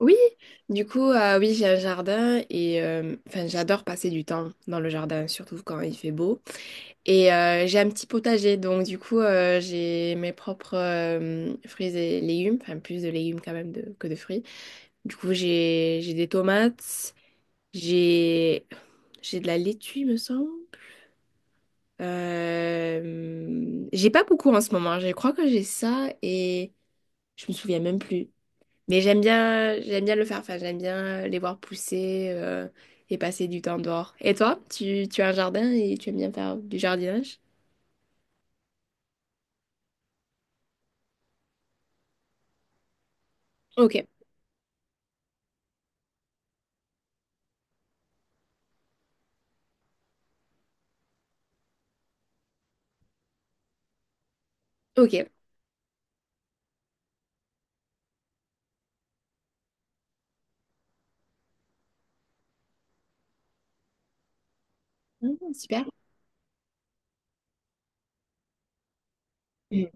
Oui, oui, j'ai un jardin et enfin, j'adore passer du temps dans le jardin, surtout quand il fait beau. Et j'ai un petit potager, donc j'ai mes propres fruits et légumes, enfin plus de légumes quand même que de fruits. Du coup, j'ai des tomates, j'ai j'ai de la laitue, il me semble. J'ai pas beaucoup en ce moment, je crois que j'ai ça et je me souviens même plus. Mais j'aime bien le faire. Enfin, j'aime bien les voir pousser et passer du temps dehors. Et toi, tu as un jardin et tu aimes bien faire du jardinage? Ok, ok. Mm, super. Mm.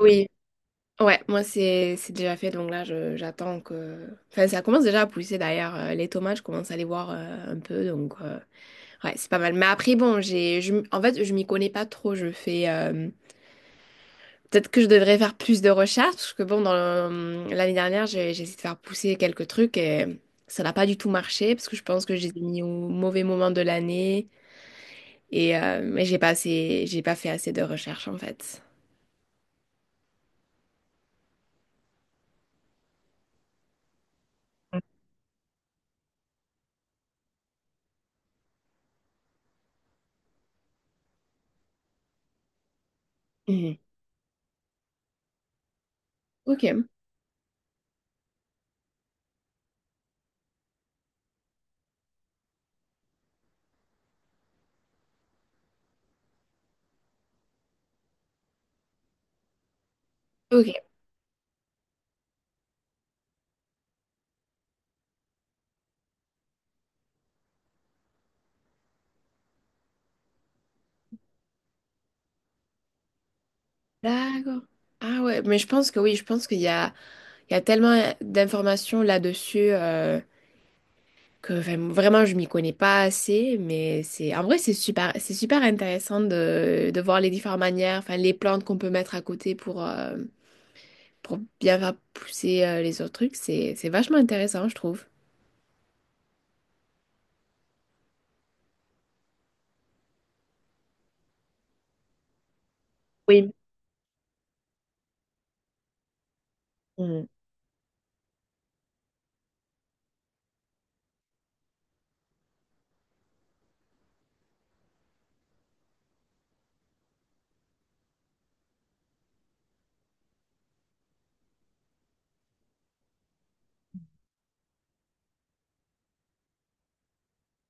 Oui, ouais, moi c'est déjà fait, donc là j'attends que... Enfin, ça commence déjà à pousser d'ailleurs. Les tomates, je commence à les voir un peu, ouais, c'est pas mal. Mais après, bon, en fait, je m'y connais pas trop. Peut-être que je devrais faire plus de recherches, parce que bon, l'année dernière, j'ai essayé de faire pousser quelques trucs et ça n'a pas du tout marché, parce que je pense que j'ai mis au mauvais moment de l'année mais j'ai pas fait assez de recherches en fait. Mhm. Ok, ok, d'accord. Ah ouais, mais je pense que oui, je pense qu'il y a, il y a tellement d'informations là-dessus. Que vraiment, vraiment, je m'y connais pas assez, mais c'est en vrai c'est super intéressant de voir les différentes manières, enfin les plantes qu'on peut mettre à côté pour bien faire pousser les autres trucs, c'est vachement intéressant, je trouve. Oui. Mhm.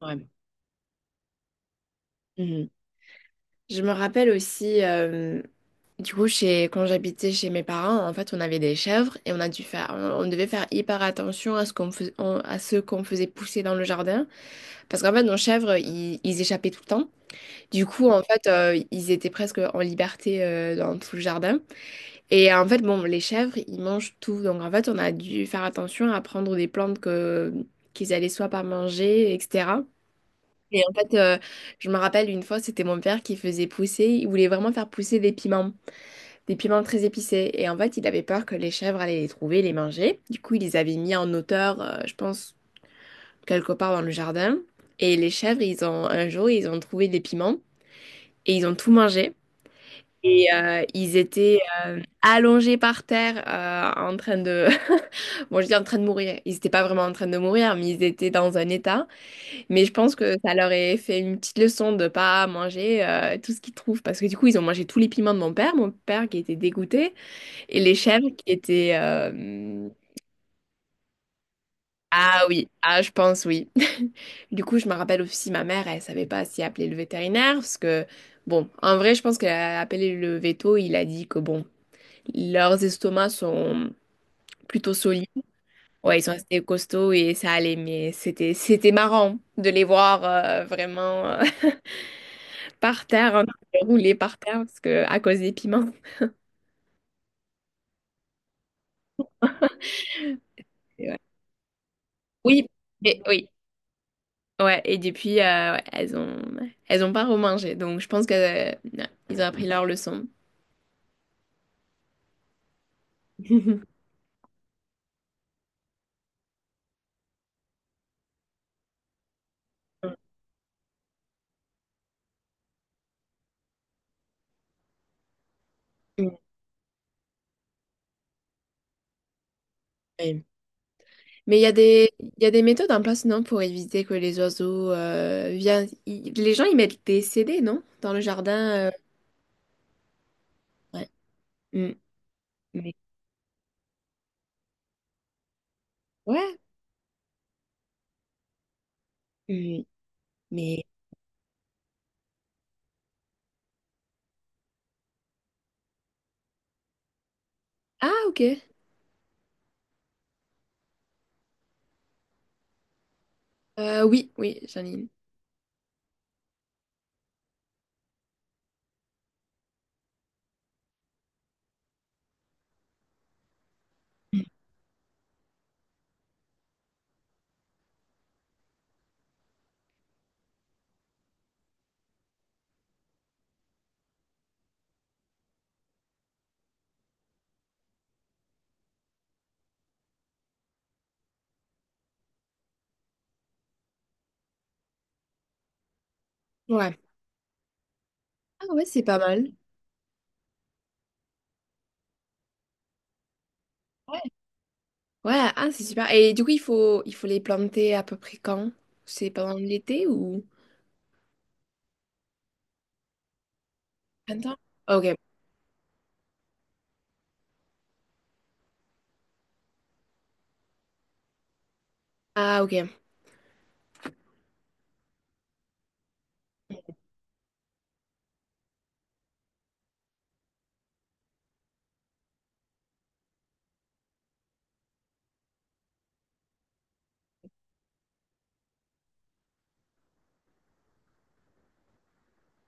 Ouais. Mhm. Je me rappelle aussi, quand j'habitais chez mes parents, en fait, on avait des chèvres et on a dû faire, on devait faire hyper attention à ce qu'on fais- on- à ce qu'on faisait pousser dans le jardin, parce qu'en fait, nos chèvres, ils échappaient tout le temps. Du coup, en fait, ils étaient presque en liberté dans tout le jardin. Et en fait, bon, les chèvres, ils mangent tout. Donc, en fait, on a dû faire attention à prendre des plantes qu'ils allaient soit pas manger, etc. Et en fait, je me rappelle une fois, c'était mon père qui faisait pousser, il voulait vraiment faire pousser des piments très épicés. Et en fait, il avait peur que les chèvres allaient les trouver, les manger. Du coup, il les avait mis en hauteur, je pense, quelque part dans le jardin. Et les chèvres, un jour, ils ont trouvé des piments et ils ont tout mangé. Ils étaient allongés par terre en train de... Bon, je dis en train de mourir. Ils n'étaient pas vraiment en train de mourir, mais ils étaient dans un état. Mais je pense que ça leur a fait une petite leçon de pas manger tout ce qu'ils trouvent. Parce que du coup, ils ont mangé tous les piments de mon père qui était dégoûté, et les chèvres qui étaient... Ah oui, ah je pense oui. Du coup, je me rappelle aussi ma mère, elle savait pas si appeler le vétérinaire, parce que... Bon, en vrai, je pense qu'elle a appelé le veto, il a dit que bon... Leurs estomacs sont plutôt solides. Ouais, ils sont restés costauds et ça allait, mais c'était marrant de les voir vraiment, par terre, en train de rouler par terre parce que à cause des piments. Et ouais. Oui, oui, ouais. Et depuis, ouais, elles ont pas remangé, donc je pense que ouais, ils ont appris leur leçon. Mm. Oui. Mais il y a des méthodes en place, non, pour éviter que les oiseaux viennent. Les gens, ils mettent des CD, non? Dans le jardin. Ouais. Mais ouais, mais... mais- Ah, ok. Oui, oui, j'en ai une. Ouais. Ah ouais, c'est pas mal. Ouais. Ouais, ah, c'est super. Et du coup, il faut les planter à peu près quand? C'est pendant l'été ou... Printemps? Ok. Ah, ok.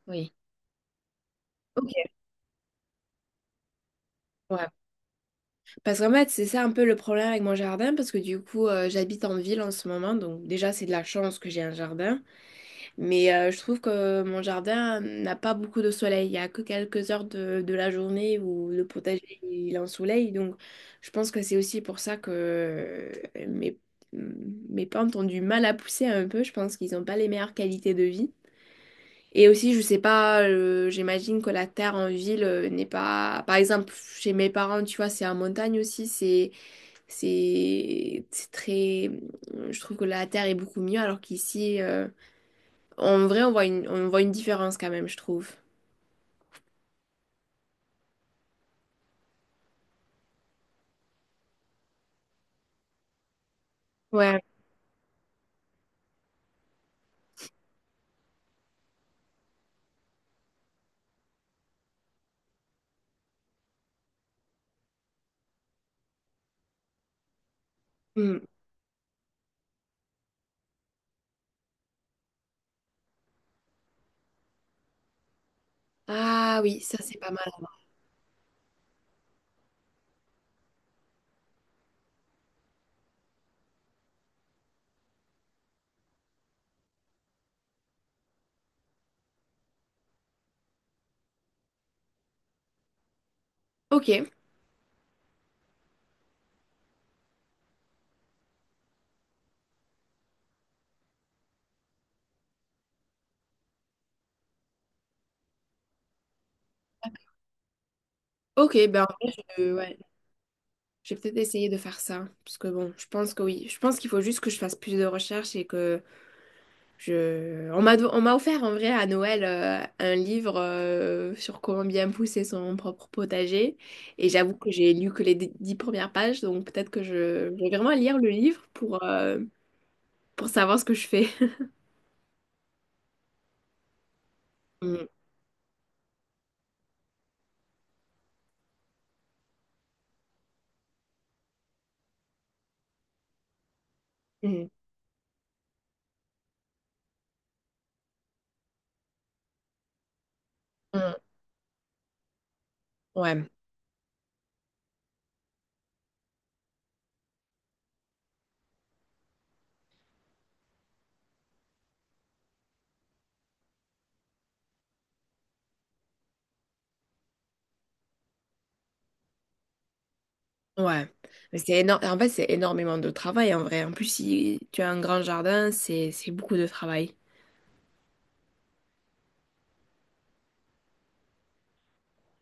Oui. Ok. Ouais. Parce qu'en fait, c'est ça un peu le problème avec mon jardin, parce que j'habite en ville en ce moment, donc déjà, c'est de la chance que j'ai un jardin. Mais je trouve que mon jardin n'a pas beaucoup de soleil. Il n'y a que quelques heures de la journée où le potager il est en soleil. Donc je pense que c'est aussi pour ça que mes, mes plantes ont du mal à pousser un peu. Je pense qu'ils n'ont pas les meilleures qualités de vie. Et aussi, je sais pas, j'imagine que la terre en ville n'est pas... Par exemple, chez mes parents, tu vois, c'est en montagne aussi. C'est très... Je trouve que la terre est beaucoup mieux alors qu'ici... en vrai, on voit une différence quand même, je trouve. Ouais. Hmm. Ah oui, ça c'est pas mal. Ok, ok, ben en vrai, ouais, j'ai peut-être essayé de faire ça. Parce que bon, je pense que oui. Je pense qu'il faut juste que je fasse plus de recherches et que je. On m'a offert en vrai à Noël un livre sur comment bien pousser son propre potager. Et j'avoue que j'ai lu que les dix premières pages, donc peut-être que je vais vraiment lire le livre pour savoir ce que je fais. Hmm, hmm, hmm. Ouais. Ouais, mais c'est énorme. En fait, c'est énormément de travail en vrai. En plus, si tu as un grand jardin, c'est beaucoup de travail.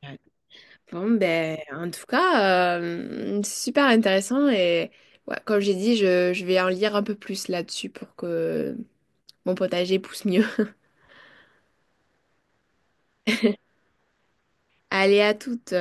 Ouais. Bon, ben, en tout cas, c'est super intéressant et ouais, comme j'ai dit, je vais en lire un peu plus là-dessus pour que mon potager pousse mieux. Allez, à toutes.